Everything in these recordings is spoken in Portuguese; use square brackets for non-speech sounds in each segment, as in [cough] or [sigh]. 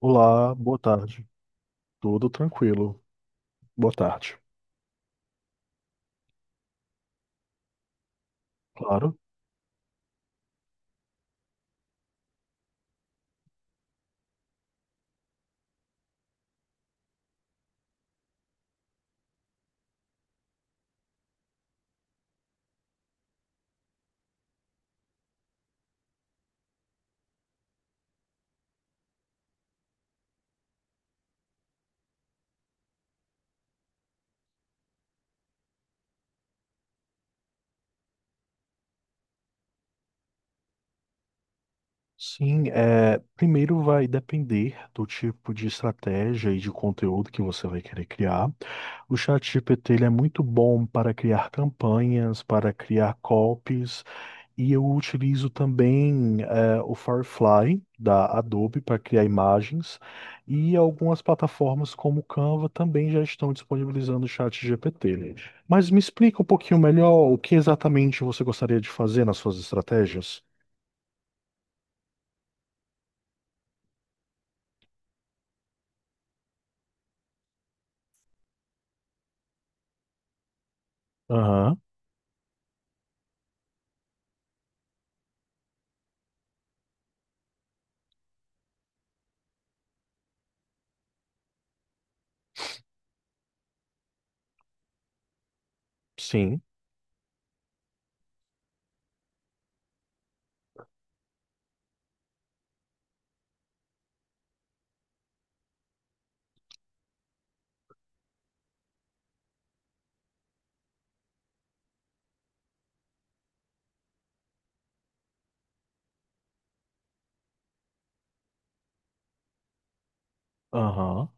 Olá, boa tarde. Tudo tranquilo? Boa tarde. Claro. Sim, é, primeiro vai depender do tipo de estratégia e de conteúdo que você vai querer criar. O ChatGPT ele é muito bom para criar campanhas, para criar copies. E eu utilizo também o Firefly da Adobe para criar imagens e algumas plataformas como o Canva também já estão disponibilizando o chat GPT. Mas me explica um pouquinho melhor o que exatamente você gostaria de fazer nas suas estratégias? Aham. Sim. Aham,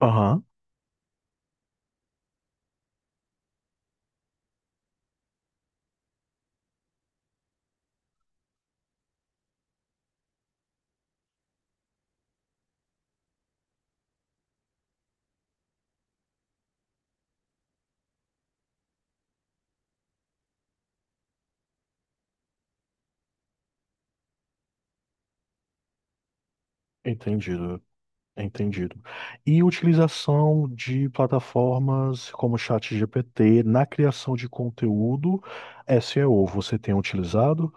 aham, entendido, entendido. E utilização de plataformas como o chat GPT na criação de conteúdo S E o você tem utilizado?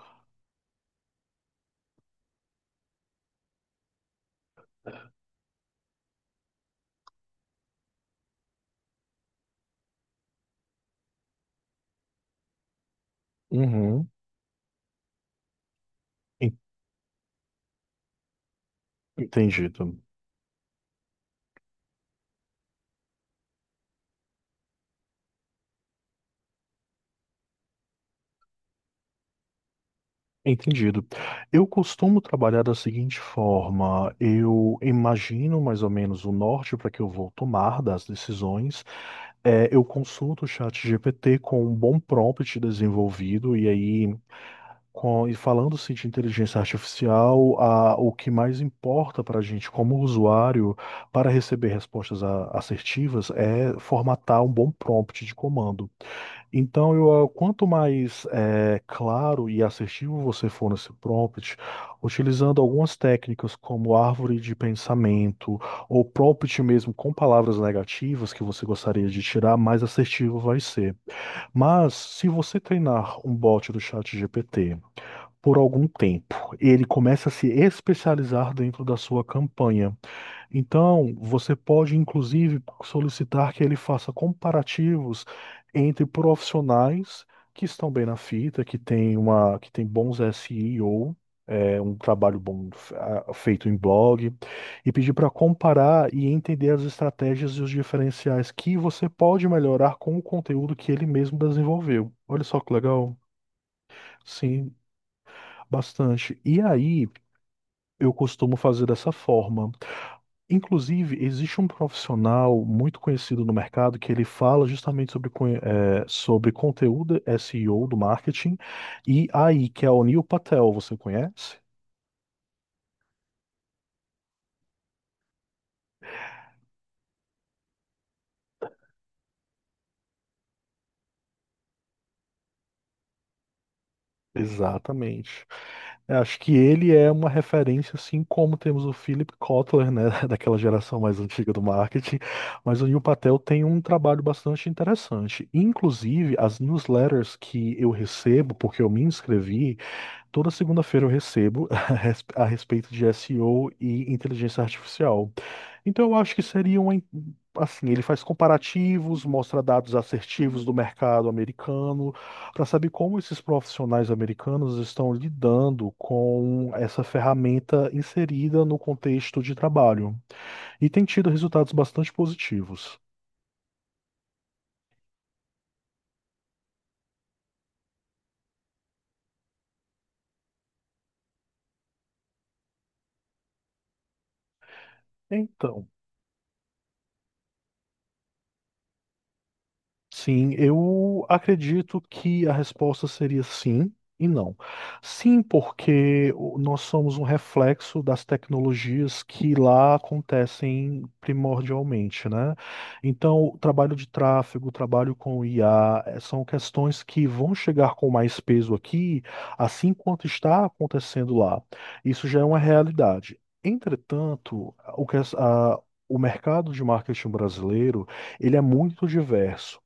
Uhum. en- Entendido. Entendido. Eu costumo trabalhar da seguinte forma: eu imagino mais ou menos o norte para que eu vou tomar das decisões. É, eu consulto o chat GPT com um bom prompt desenvolvido, e aí, com, e falando-se de inteligência artificial, o que mais importa para a gente como usuário para receber respostas assertivas é formatar um bom prompt de comando. Então, eu, quanto mais claro e assertivo você for nesse prompt, utilizando algumas técnicas como árvore de pensamento ou prompt mesmo com palavras negativas que você gostaria de tirar, mais assertivo vai ser. Mas, se você treinar um bot do chat GPT por algum tempo, ele começa a se especializar dentro da sua campanha. Então, você pode inclusive solicitar que ele faça comparativos entre profissionais que estão bem na fita, que têm uma, que têm bons SEO, é, um trabalho bom feito em blog, e pedir para comparar e entender as estratégias e os diferenciais que você pode melhorar com o conteúdo que ele mesmo desenvolveu. Olha só que legal. Sim, bastante. E aí, eu costumo fazer dessa forma. Inclusive, existe um profissional muito conhecido no mercado que ele fala justamente sobre, sobre conteúdo SEO do marketing e AI, que é o Neil Patel, você conhece? Exatamente. Eu acho que ele é uma referência, assim como temos o Philip Kotler, né, [laughs] daquela geração mais antiga do marketing, mas o Neil Patel tem um trabalho bastante interessante. Inclusive, as newsletters que eu recebo, porque eu me inscrevi, toda segunda-feira eu recebo [laughs] a respeito de SEO e O e inteligência artificial. Então eu acho que seria uma, assim, ele faz comparativos, mostra dados assertivos do mercado americano, para saber como esses profissionais americanos estão lidando com essa ferramenta inserida no contexto de trabalho. E tem tido resultados bastante positivos. Então, sim, eu acredito que a resposta seria sim e não. Sim, porque nós somos um reflexo das tecnologias que lá acontecem primordialmente, né? Então, o trabalho de tráfego, o trabalho com IA, são questões que vão chegar com mais peso aqui, assim quanto está acontecendo lá. Isso já é uma realidade. Entretanto, o que o mercado de marketing brasileiro ele é muito diverso.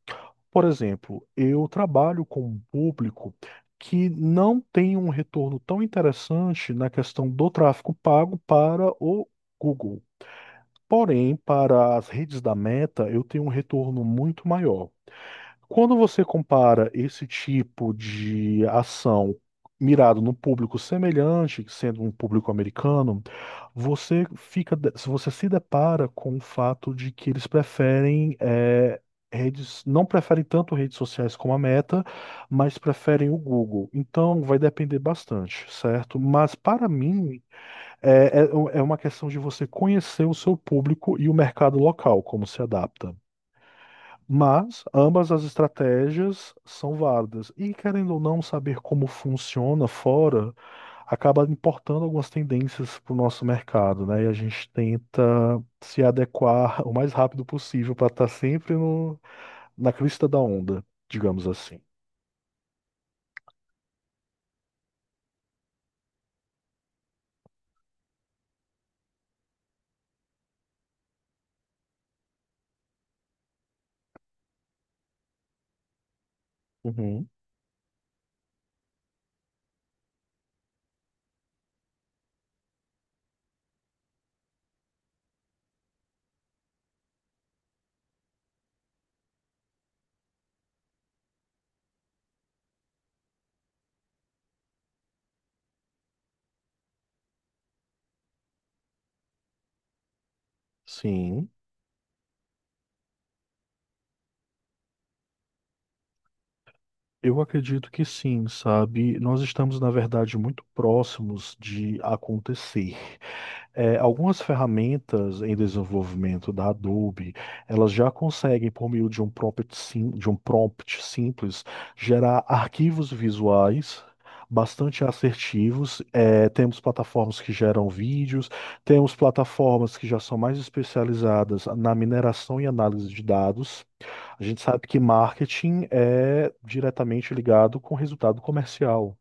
Por exemplo, eu trabalho com um público que não tem um retorno tão interessante na questão do tráfego pago para o Google. Porém, para as redes da Meta, eu tenho um retorno muito maior. Quando você compara esse tipo de ação mirado num público semelhante, sendo um público americano, você fica, se você se depara com o fato de que eles preferem é, redes, não preferem tanto redes sociais como a Meta, mas preferem o Google. Então vai depender bastante, certo? Mas para mim é, é é uma questão de você conhecer o seu público e o mercado local, como se adapta. Mas ambas as estratégias são válidas. E querendo ou não saber como funciona fora, acaba importando algumas tendências para o nosso mercado, né? E a gente tenta se adequar o mais rápido possível para estar sempre no, na crista da onda, digamos assim. Uhum. Sim, eu acredito que sim, sabe? Nós estamos, na verdade, muito próximos de acontecer. É, algumas ferramentas em desenvolvimento da Adobe, elas já conseguem, por meio de um prompt, de um prompt simples, gerar arquivos visuais bastante assertivos. É, temos plataformas que geram vídeos, temos plataformas que já são mais especializadas na mineração e análise de dados. A gente sabe que marketing é diretamente ligado com resultado comercial.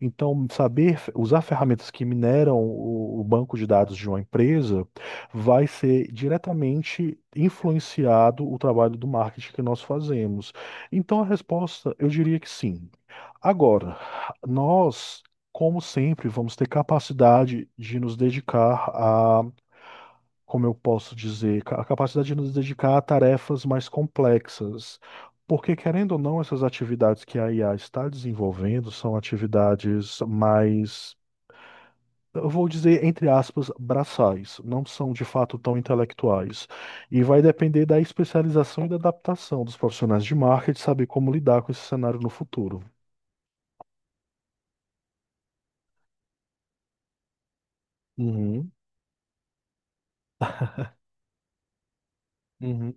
Então, saber usar ferramentas que mineram o banco de dados de uma empresa vai ser diretamente influenciado o trabalho do marketing que nós fazemos. Então, a resposta, eu diria que sim. Agora, nós, como sempre, vamos ter capacidade de nos dedicar como eu posso dizer, a capacidade de nos dedicar a tarefas mais complexas. Porque, querendo ou não, essas atividades que a IA está desenvolvendo são atividades mais, eu vou dizer, entre aspas, braçais, não são de fato tão intelectuais. E vai depender da especialização e da adaptação dos profissionais de marketing saber como lidar com esse cenário no futuro. Uhum, uhum.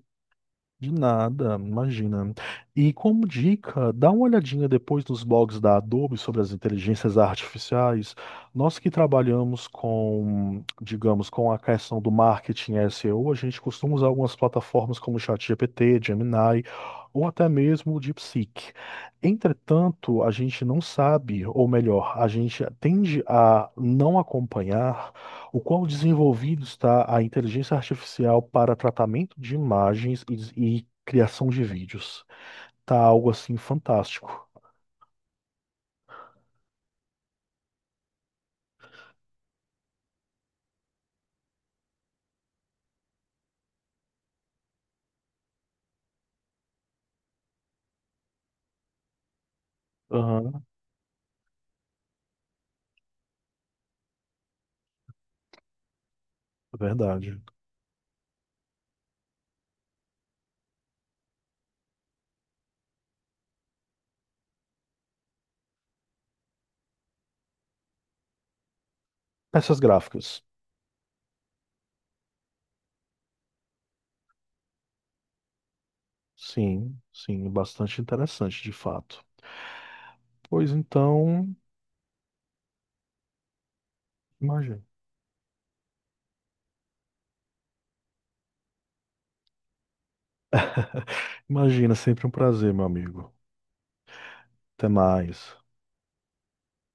De nada, imagina. E como dica, dá uma olhadinha depois nos blogs da Adobe sobre as inteligências artificiais. Nós que trabalhamos com, digamos, com a questão do marketing SEO, a gente costuma usar algumas plataformas como ChatGPT, Gemini ou até mesmo o DeepSeek. Entretanto, a gente não sabe, ou melhor, a gente tende a não acompanhar o qual desenvolvido está a inteligência artificial para tratamento de imagens e criação de vídeos. Tá algo assim fantástico. Aham, é verdade. Peças gráficas. Sim, sim, bastante interessante, de fato. Pois então, imagina. Imagina, sempre um prazer, meu amigo. Até mais.